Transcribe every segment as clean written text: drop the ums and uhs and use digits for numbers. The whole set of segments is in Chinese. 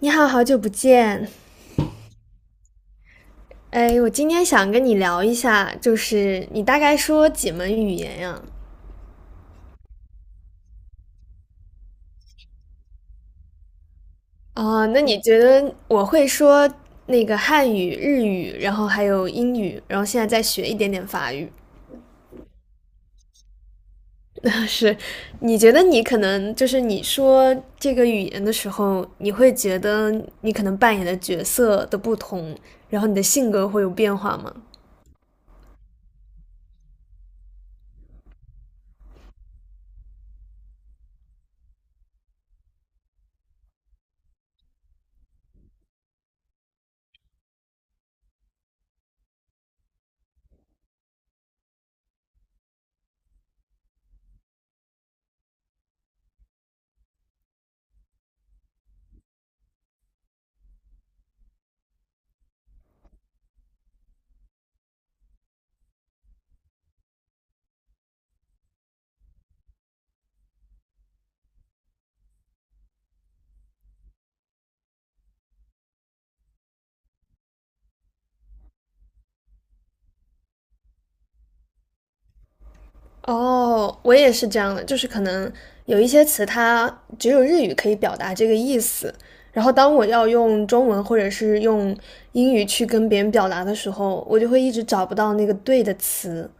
你好，好久不见。哎，我今天想跟你聊一下，就是你大概说几门语言呀？哦，那你觉得我会说那个汉语、日语，然后还有英语，然后现在再学一点点法语。是，你觉得你可能就是你说这个语言的时候，你会觉得你可能扮演的角色的不同，然后你的性格会有变化吗？哦，我也是这样的，就是可能有一些词它只有日语可以表达这个意思，然后当我要用中文或者是用英语去跟别人表达的时候，我就会一直找不到那个对的词。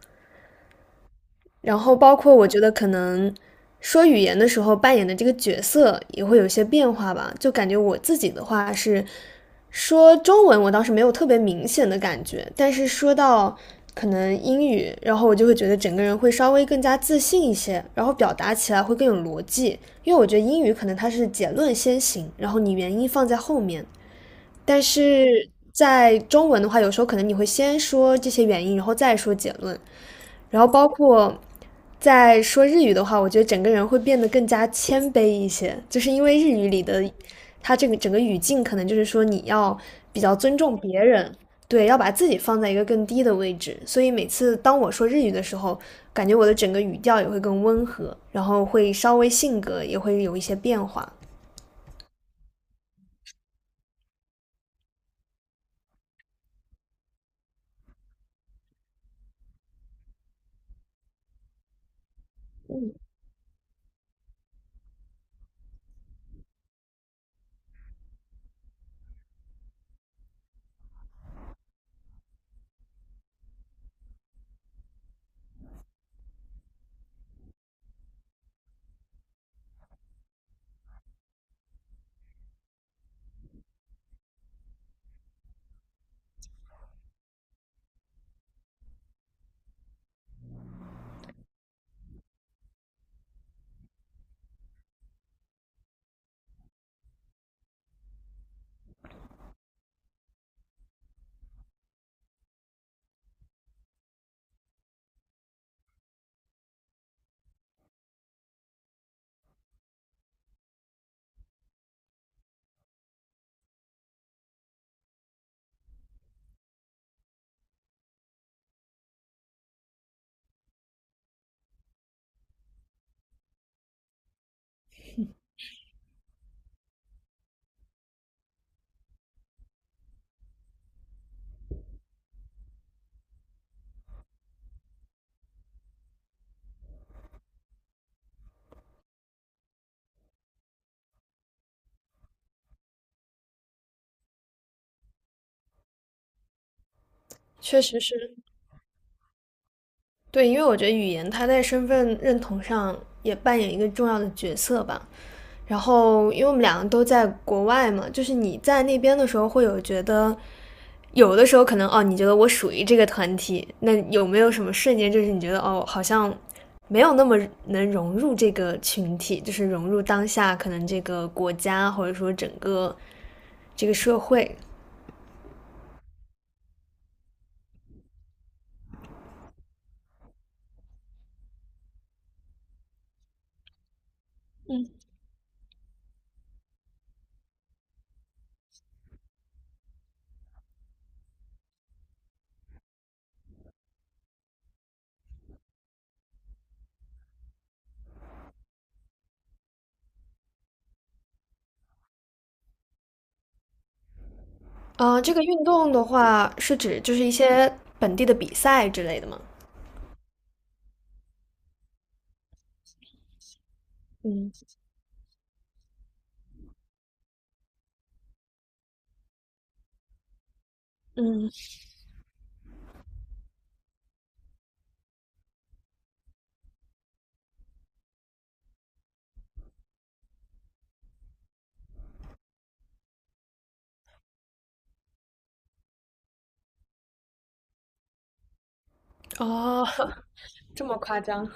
然后包括我觉得可能说语言的时候扮演的这个角色也会有些变化吧，就感觉我自己的话是说中文，我倒是没有特别明显的感觉，但是说到可能英语，然后我就会觉得整个人会稍微更加自信一些，然后表达起来会更有逻辑，因为我觉得英语可能它是结论先行，然后你原因放在后面，但是在中文的话，有时候可能你会先说这些原因，然后再说结论，然后包括在说日语的话，我觉得整个人会变得更加谦卑一些，就是因为日语里的它这个整个语境，可能就是说你要比较尊重别人，对，要把自己放在一个更低的位置，所以每次当我说日语的时候，感觉我的整个语调也会更温和，然后会稍微性格也会有一些变化。确实是，对，因为我觉得语言它在身份认同上也扮演一个重要的角色吧。然后，因为我们两个都在国外嘛，就是你在那边的时候会有觉得，有的时候可能哦，你觉得我属于这个团体，那有没有什么瞬间，就是你觉得哦，好像没有那么能融入这个群体，就是融入当下可能这个国家或者说整个这个社会。啊、这个运动的话是指就是一些本地的比赛之类的吗？嗯，嗯，哦，这么夸张？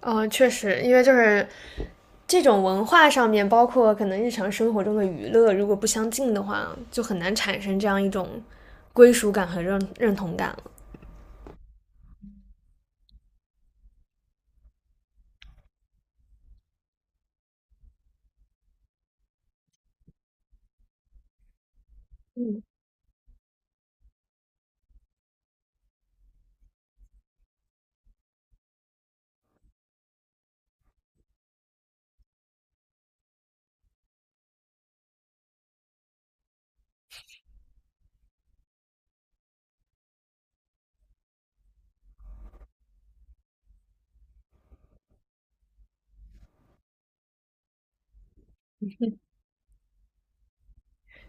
嗯，确实，因为就是这种文化上面，包括可能日常生活中的娱乐，如果不相近的话，就很难产生这样一种归属感和认同感了。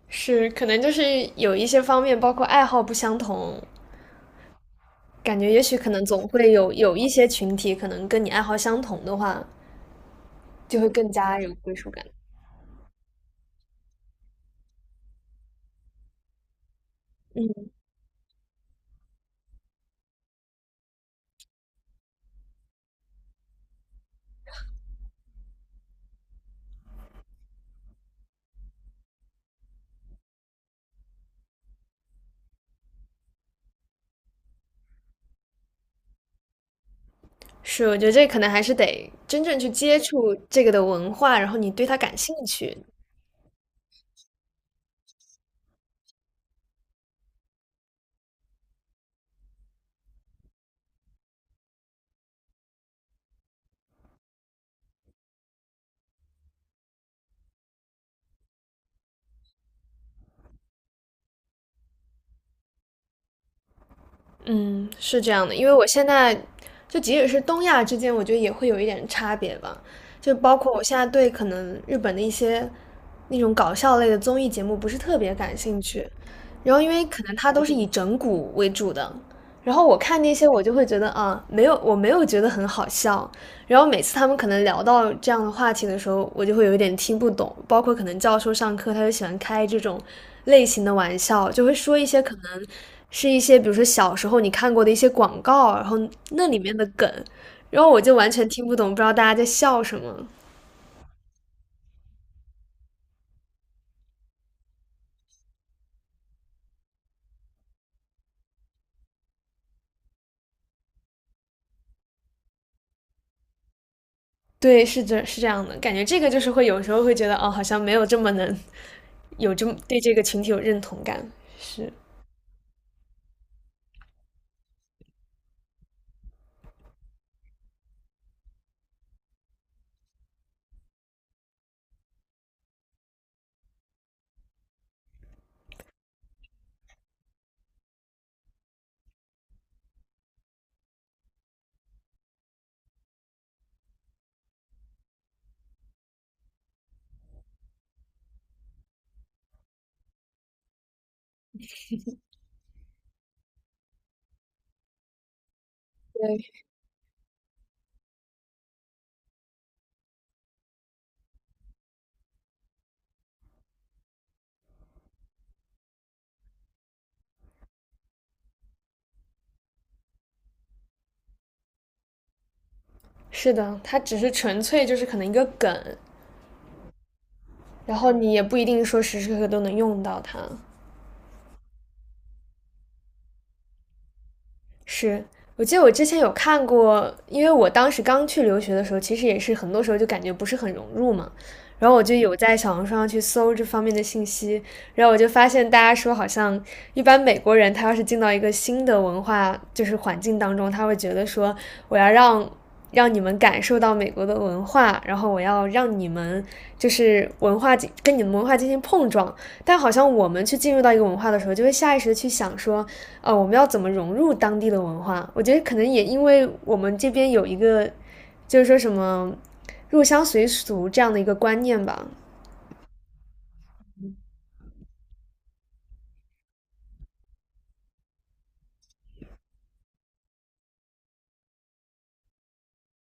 是，可能就是有一些方面，包括爱好不相同，感觉也许可能总会有一些群体，可能跟你爱好相同的话，就会更加有归属感。是，我觉得这可能还是得真正去接触这个的文化，然后你对它感兴趣，嗯，是这样的，因为我现在就即使是东亚之间，我觉得也会有一点差别吧。就包括我现在对可能日本的一些那种搞笑类的综艺节目不是特别感兴趣，然后因为可能它都是以整蛊为主的，然后我看那些我就会觉得啊，没有，我没有觉得很好笑，然后每次他们可能聊到这样的话题的时候，我就会有一点听不懂。包括可能教授上课，他就喜欢开这种类型的玩笑，就会说一些可能是一些，比如说小时候你看过的一些广告，然后那里面的梗，然后我就完全听不懂，不知道大家在笑什么。对，是这样的，感觉这个就是会有时候会觉得哦，好像没有这么能有这么对这个群体有认同感。是，对，是的，他只是纯粹就是可能一个梗，然后你也不一定说时时刻刻都能用到它。是，我记得我之前有看过，因为我当时刚去留学的时候，其实也是很多时候就感觉不是很融入嘛。然后我就有在小红书上去搜这方面的信息，然后我就发现大家说，好像一般美国人他要是进到一个新的文化就是环境当中，他会觉得说，我要让你们感受到美国的文化，然后我要让你们就是文化进跟你们文化进行碰撞。但好像我们去进入到一个文化的时候，就会下意识的去想说，我们要怎么融入当地的文化？我觉得可能也因为我们这边有一个，就是说什么入乡随俗这样的一个观念吧，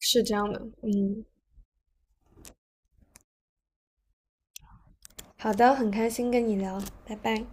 是这样的。嗯，好的，很开心跟你聊，拜拜。